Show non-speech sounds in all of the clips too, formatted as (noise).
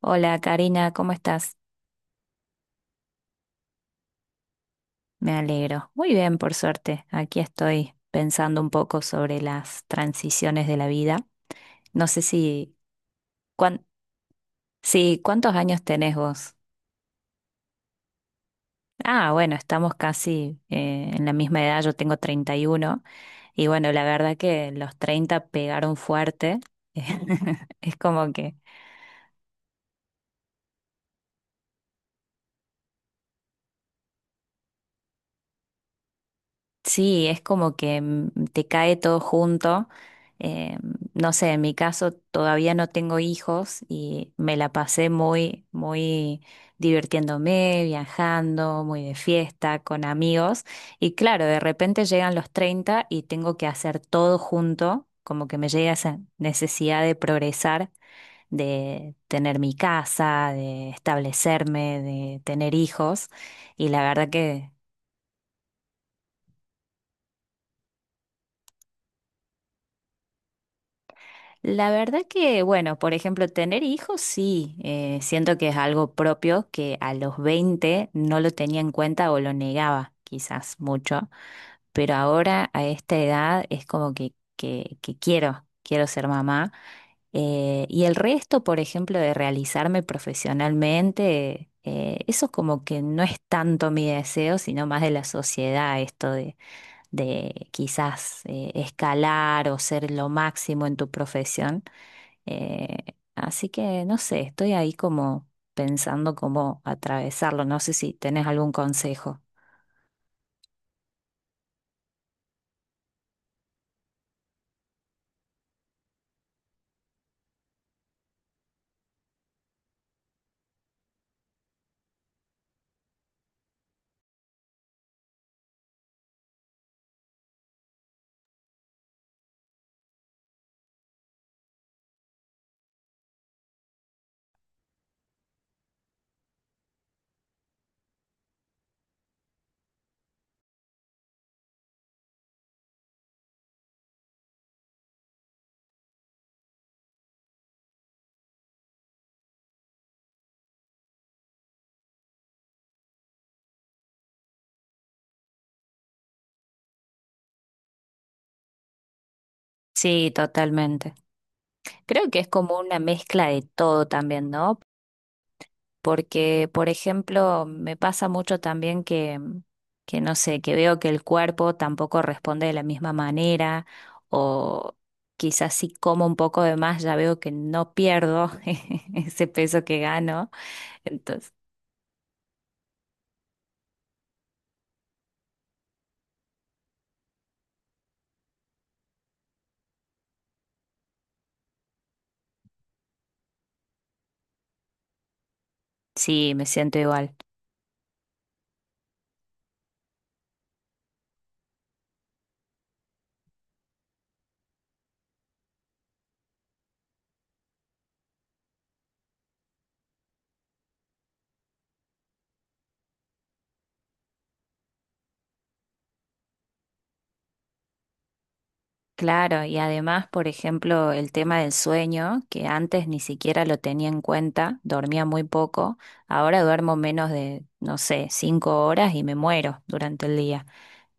Hola Karina, ¿cómo estás? Me alegro. Muy bien, por suerte. Aquí estoy pensando un poco sobre las transiciones de la vida. No sé si, cuán- Sí, ¿cuántos años tenés vos? Ah, bueno, estamos casi en la misma edad, yo tengo treinta y uno y bueno, la verdad que los 30 pegaron fuerte. (laughs) Es como que Sí, es como que te cae todo junto. Eh, no sé, en mi caso todavía no tengo hijos y me la pasé muy, muy divirtiéndome, viajando, muy de fiesta, con amigos. Y claro, de repente llegan los 30 y tengo que hacer todo junto, como que me llega esa necesidad de progresar, de tener mi casa, de establecerme, de tener hijos. Y la verdad que La verdad que, bueno, por ejemplo, tener hijos, sí, siento que es algo propio que a los 20 no lo tenía en cuenta o lo negaba quizás mucho, pero ahora a esta edad es como que quiero, quiero ser mamá. Y el resto, por ejemplo, de realizarme profesionalmente, eso como que no es tanto mi deseo, sino más de la sociedad, esto de quizás escalar o ser lo máximo en tu profesión. Eh, Así que no sé, estoy ahí como pensando cómo atravesarlo. No sé si tenés algún consejo. Sí, totalmente. Creo que es como una mezcla de todo también, ¿no? Porque, por ejemplo, me pasa mucho también que no sé, que veo que el cuerpo tampoco responde de la misma manera o quizás si como un poco de más ya veo que no pierdo (laughs) ese peso que gano, entonces sí, me siento igual. Claro, y además, por ejemplo, el tema del sueño, que antes ni siquiera lo tenía en cuenta, dormía muy poco, ahora duermo menos de, no sé, cinco horas y me muero durante el día.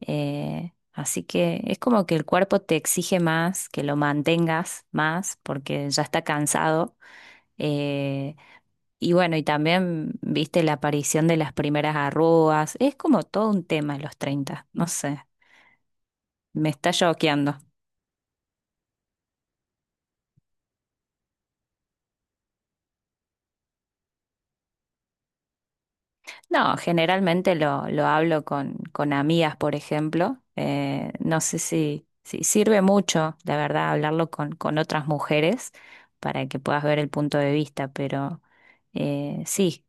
Así que es como que el cuerpo te exige más, que lo mantengas más, porque ya está cansado. Eh, y bueno, y también viste la aparición de las primeras arrugas. Es como todo un tema en los treinta, no sé, me está choqueando. No, generalmente lo hablo con amigas, por ejemplo. No sé si sirve mucho, la verdad, hablarlo con otras mujeres para que puedas ver el punto de vista, pero sí.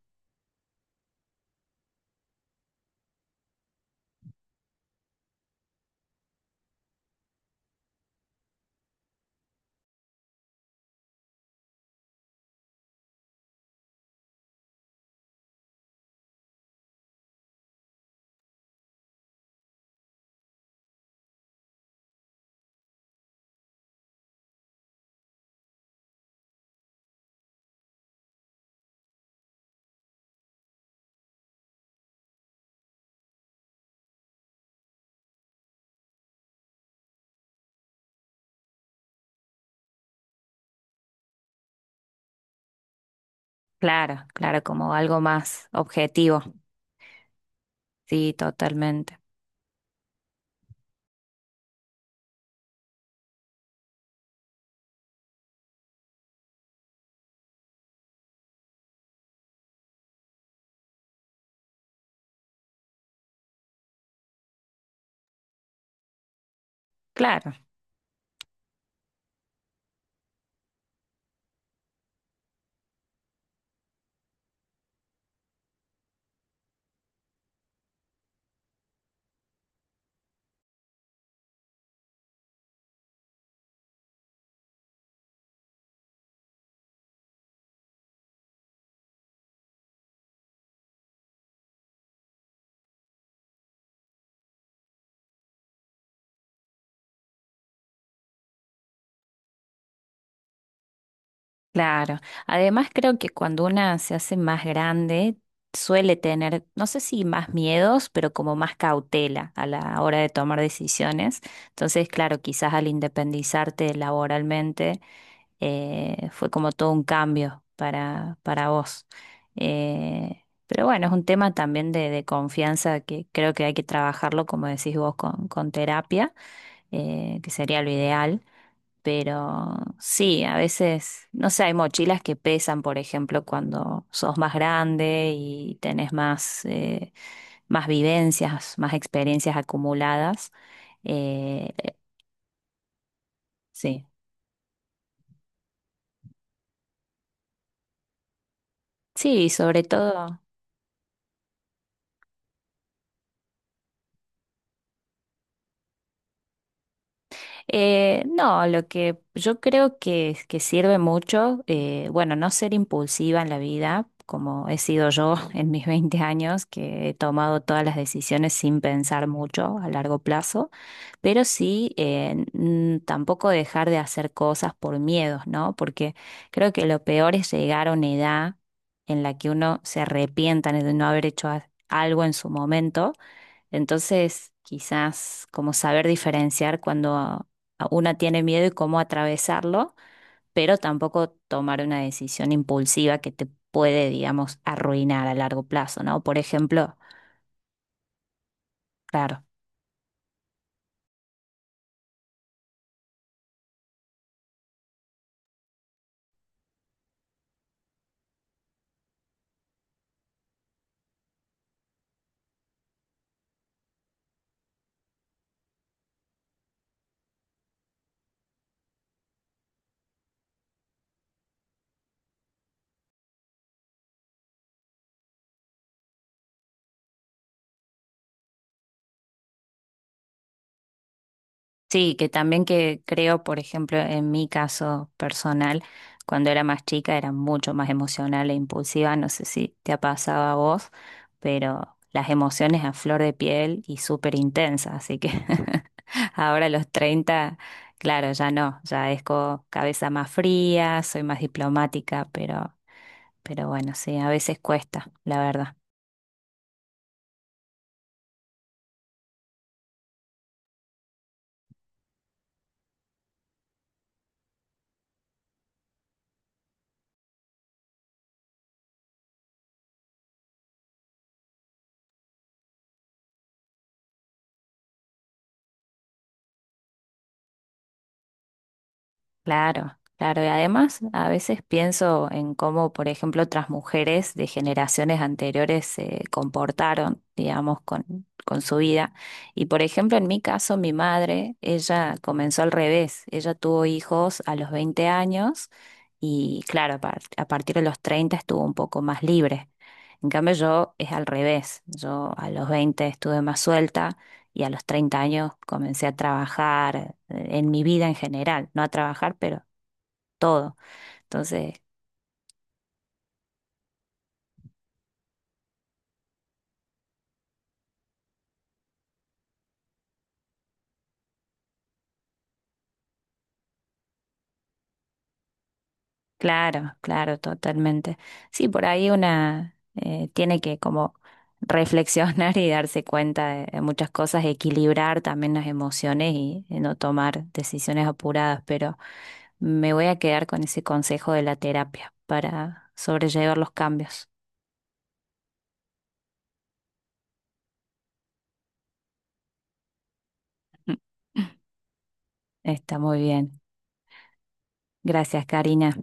Claro, claro, como algo más objetivo. Sí, totalmente. Claro, claro. Además, creo que cuando una se hace más grande, suele tener, no sé si más miedos, pero como más cautela a la hora de tomar decisiones. Entonces, claro, quizás al independizarte laboralmente, fue como todo un cambio para vos. Eh, pero bueno, es un tema también de confianza que creo que hay que trabajarlo, como decís vos, con terapia, que sería lo ideal. Pero sí, a veces, no sé, hay mochilas que pesan, por ejemplo, cuando sos más grande y tenés más, más vivencias, más experiencias acumuladas. Eh, sí, sí, sobre todo. No, lo que yo creo que sirve mucho, bueno, no ser impulsiva en la vida, como he sido yo (laughs) en mis 20 años, que he tomado todas las decisiones sin pensar mucho a largo plazo. Pero sí, tampoco dejar de hacer cosas por miedos, ¿no? Porque creo que lo peor es llegar a una edad en la que uno se arrepienta de no haber hecho algo en su momento. Entonces, quizás como saber diferenciar cuando a una tiene miedo y cómo atravesarlo, pero tampoco tomar una decisión impulsiva que te puede, digamos, arruinar a largo plazo, ¿no? Por ejemplo, claro. Sí, que también que creo, por ejemplo, en mi caso personal, cuando era más chica era mucho más emocional e impulsiva, no sé si te ha pasado a vos, pero las emociones a flor de piel y súper intensas, así que (laughs) ahora a los 30, claro, ya no, ya es con cabeza más fría, soy más diplomática, pero bueno, sí, a veces cuesta, la verdad. Claro, claro. Y además, a veces pienso en cómo, por ejemplo, otras mujeres de generaciones anteriores se comportaron, digamos, con su vida. Y, por ejemplo, en mi caso, mi madre, ella comenzó al revés. Ella tuvo hijos a los 20 años y, claro, a partir de los 30 estuvo un poco más libre. En cambio, yo es al revés. Yo a los 20 estuve más suelta y a los treinta años comencé a trabajar, en mi vida en general, no a trabajar, pero todo. Entonces, claro, claro, totalmente. Sí, por ahí una tiene que como reflexionar (laughs) y darse cuenta de muchas cosas, equilibrar también las emociones y no tomar decisiones apuradas, pero me voy a quedar con ese consejo de la terapia para sobrellevar los cambios. (laughs) Está muy bien. Gracias, Karina.